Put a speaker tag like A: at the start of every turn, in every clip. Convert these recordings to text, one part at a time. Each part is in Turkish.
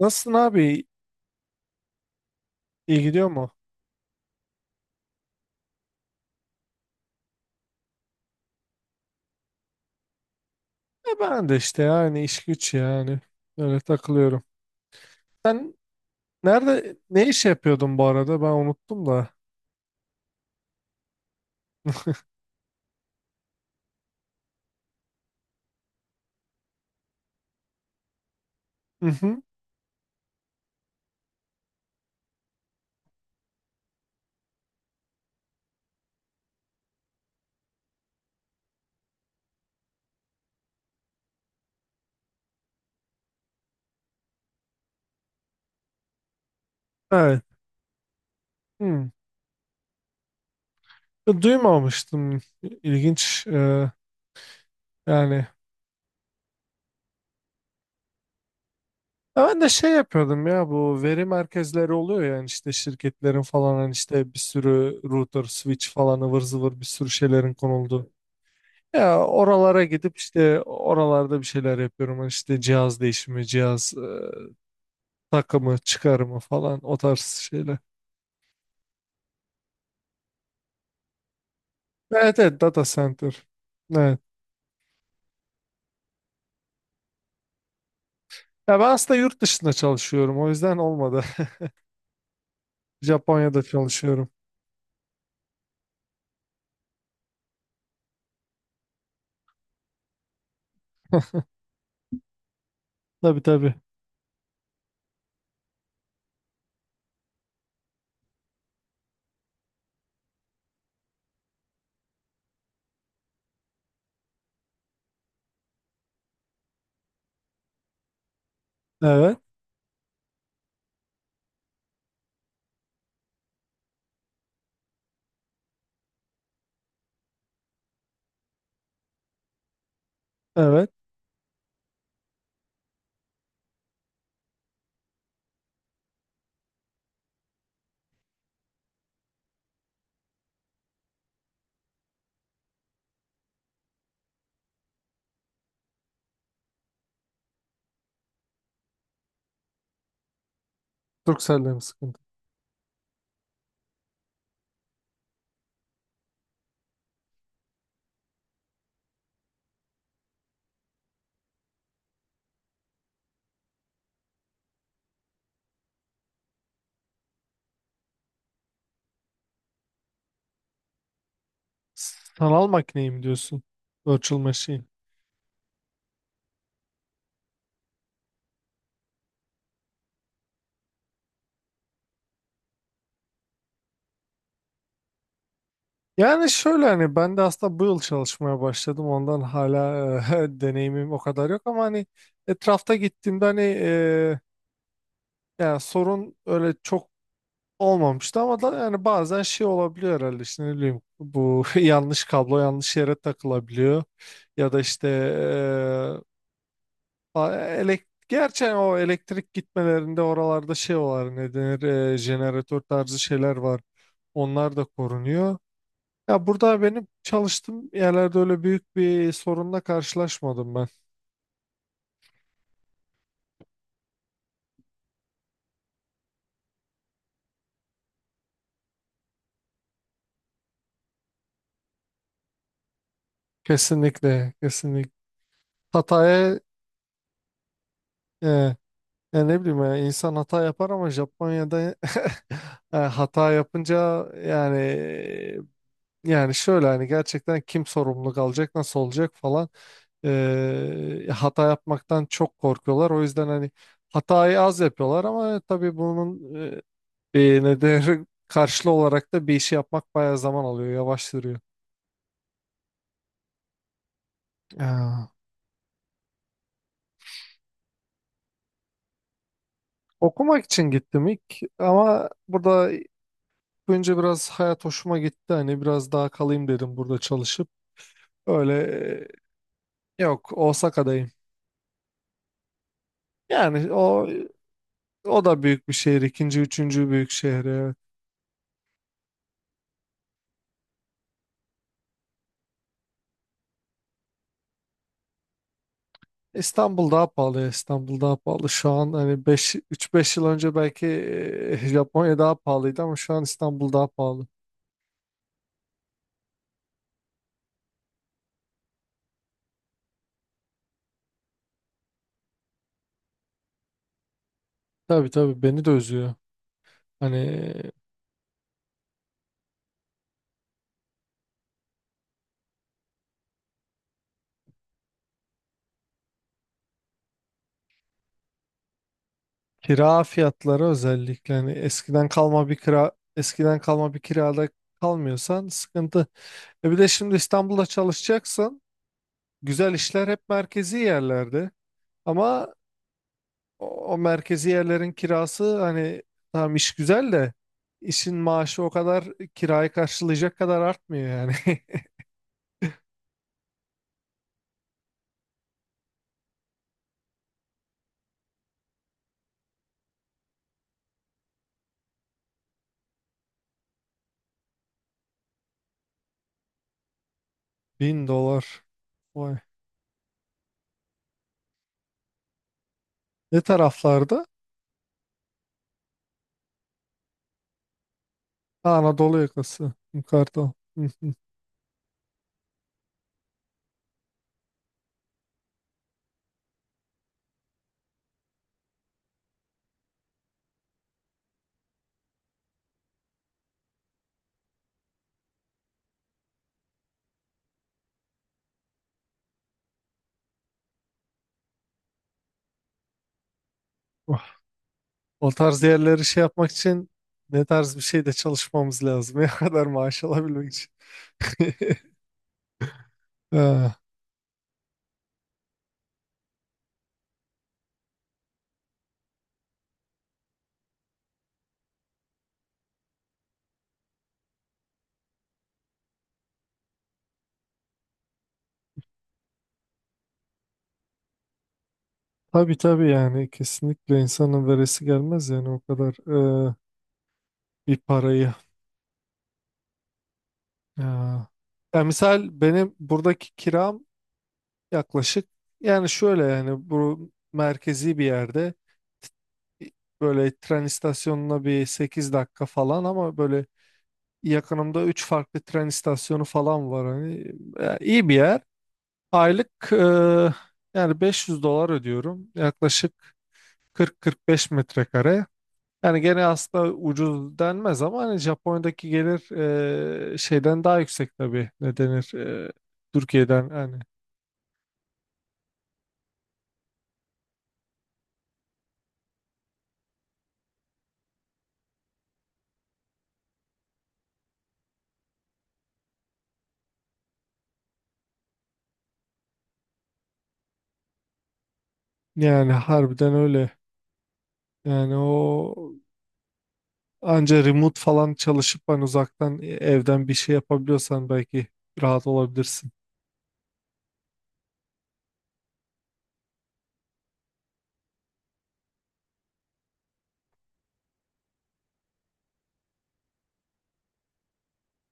A: Nasılsın abi? İyi gidiyor mu? Ben de işte yani iş güç yani. Öyle takılıyorum. Sen nerede ne iş yapıyordun bu arada? Ben unuttum da. Hı hı. Evet. Hı. Duymamıştım. İlginç. Yani. Ya ben de şey yapıyordum ya, bu veri merkezleri oluyor yani, işte şirketlerin falan, hani işte bir sürü router, switch falan, ıvır zıvır bir sürü şeylerin konuldu. Ya oralara gidip işte oralarda bir şeyler yapıyorum. Hani işte cihaz değişimi, cihaz takımı, çıkarımı falan o tarz şeyler. Evet, evet, data center. Evet. Ya ben aslında yurt dışında çalışıyorum, o yüzden olmadı. Japonya'da çalışıyorum. Tabii, tabii. Evet, evet. Turkcell'de mi sıkıntı? Sanal makineyi mi diyorsun? Virtual machine. Yani şöyle, hani ben de aslında bu yıl çalışmaya başladım. Ondan hala deneyimim o kadar yok, ama hani etrafta gittiğimde hani yani sorun öyle çok olmamıştı, ama da yani bazen şey olabiliyor herhalde, işte ne bileyim, bu yanlış kablo yanlış yere takılabiliyor, ya da işte elektrik, gerçi o elektrik gitmelerinde oralarda şey var, ne denir, jeneratör tarzı şeyler var, onlar da korunuyor. Ya burada benim çalıştığım yerlerde öyle büyük bir sorunla karşılaşmadım ben. Kesinlikle, kesinlikle. Hataya eee, ya ne bileyim, ya insan hata yapar, ama Japonya'da hata yapınca yani, şöyle hani gerçekten kim sorumluluk alacak, nasıl olacak falan, hata yapmaktan çok korkuyorlar. O yüzden hani hatayı az yapıyorlar, ama tabii bunun nedeni karşılığı olarak da bir işi yapmak bayağı zaman alıyor, yavaştırıyor. Ya, okumak için gittim ilk, ama burada önce biraz hayat hoşuma gitti. Hani biraz daha kalayım dedim burada çalışıp. Öyle. Yok, Osaka'dayım. Yani o da büyük bir şehir. İkinci, üçüncü büyük şehir. Evet. İstanbul daha pahalı. Ya, İstanbul daha pahalı. Şu an hani 5 3-5 yıl önce belki Japonya daha pahalıydı, ama şu an İstanbul daha pahalı. Tabii, tabii, beni de üzüyor. Hani kira fiyatları özellikle, hani eskiden kalma bir kirada kalmıyorsan sıkıntı. E bir de şimdi İstanbul'da çalışacaksın. Güzel işler hep merkezi yerlerde. Ama o merkezi yerlerin kirası, hani tamam iş güzel de, işin maaşı o kadar kirayı karşılayacak kadar artmıyor yani. Bin dolar. Vay. Ne taraflarda? Ha, Anadolu yakası. Yukarıda. Hı hı. Oh. O tarz yerleri şey yapmak için ne tarz bir şeyde çalışmamız lazım. Ne kadar maaş alabilmek için. Ha, tabii, tabii, yani kesinlikle insanın veresi gelmez yani o kadar e, bir parayı. Ha. Ya misal benim buradaki kiram yaklaşık, yani şöyle yani, bu merkezi bir yerde t- böyle tren istasyonuna bir 8 dakika falan, ama böyle yakınımda 3 farklı tren istasyonu falan var. Hani iyi bir yer. Aylık yani 500 dolar ödüyorum. Yaklaşık kırk beş metrekare. Yani gene aslında ucuz denmez, ama hani Japonya'daki gelir şeyden daha yüksek tabii. Ne denir? Türkiye'den yani. Yani harbiden öyle. Yani o, anca remote falan çalışıp hani uzaktan evden bir şey yapabiliyorsan belki rahat olabilirsin.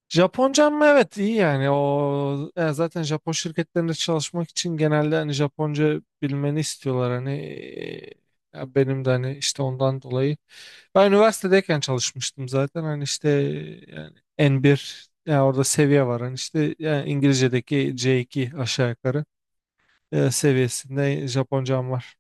A: Japoncam mı? Evet, iyi yani, o yani, zaten Japon şirketlerinde çalışmak için genelde hani Japonca bilmeni istiyorlar, hani ya benim de hani işte ondan dolayı ben üniversitedeyken çalışmıştım zaten, hani işte yani N1, yani orada seviye var, hani işte yani İngilizce'deki C2 aşağı yukarı seviyesinde Japoncam var.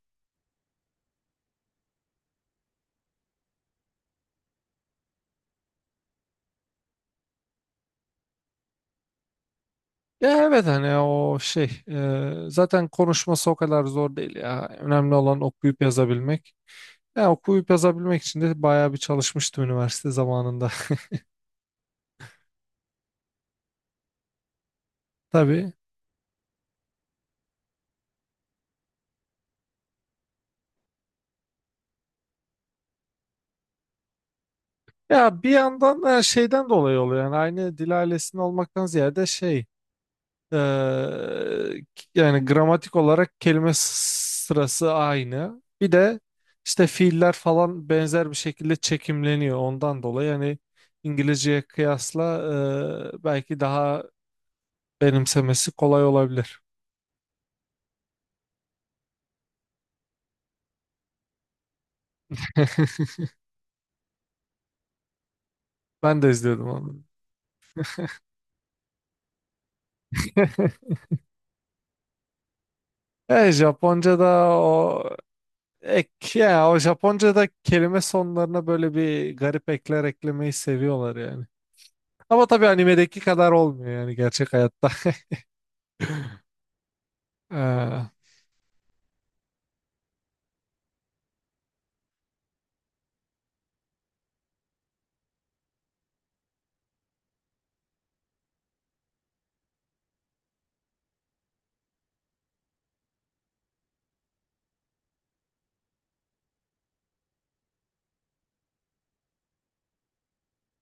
A: Ya evet, hani o şey, zaten konuşması o kadar zor değil ya. Önemli olan okuyup yazabilmek. Ya okuyup yazabilmek için de bayağı bir çalışmıştım üniversite zamanında. Tabii. Ya bir yandan da şeyden dolayı oluyor, yani aynı dil ailesinin olmaktan ziyade şey, e, yani gramatik olarak kelime sırası aynı. Bir de işte fiiller falan benzer bir şekilde çekimleniyor ondan dolayı yani İngilizceye kıyasla belki daha benimsemesi kolay olabilir. Ben de izliyordum onu. Japonca'da o ek ya, o Japonca'da kelime sonlarına böyle bir garip ekler eklemeyi seviyorlar yani. Ama tabii animedeki kadar olmuyor yani gerçek hayatta. Ee,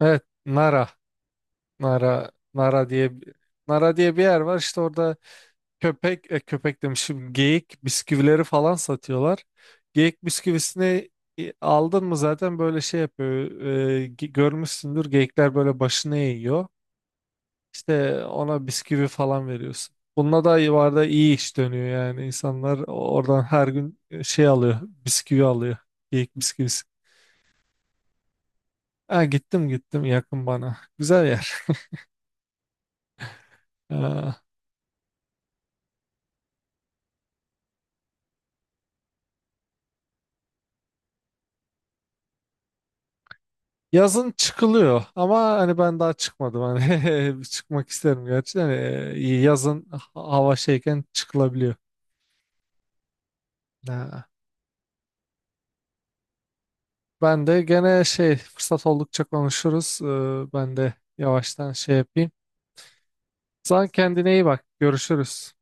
A: evet, Nara. Nara diye, Nara diye bir yer var işte, orada köpek, köpek demişim, geyik bisküvileri falan satıyorlar. Geyik bisküvisini aldın mı zaten böyle şey yapıyor. Görmüşsündür, geyikler böyle başını eğiyor. İşte ona bisküvi falan veriyorsun. Bununla da yuvarda iyi iş dönüyor yani. İnsanlar oradan her gün şey alıyor. Bisküvi alıyor. Geyik bisküvisi. Ha, gittim, yakın bana. Güzel yer. Ha. Yazın çıkılıyor, ama hani ben daha çıkmadım, hani çıkmak isterim gerçi, hani yazın hava şeyken çıkılabiliyor. Ha. Ben de gene şey, fırsat oldukça konuşuruz. Ben de yavaştan şey yapayım. Sen kendine iyi bak. Görüşürüz.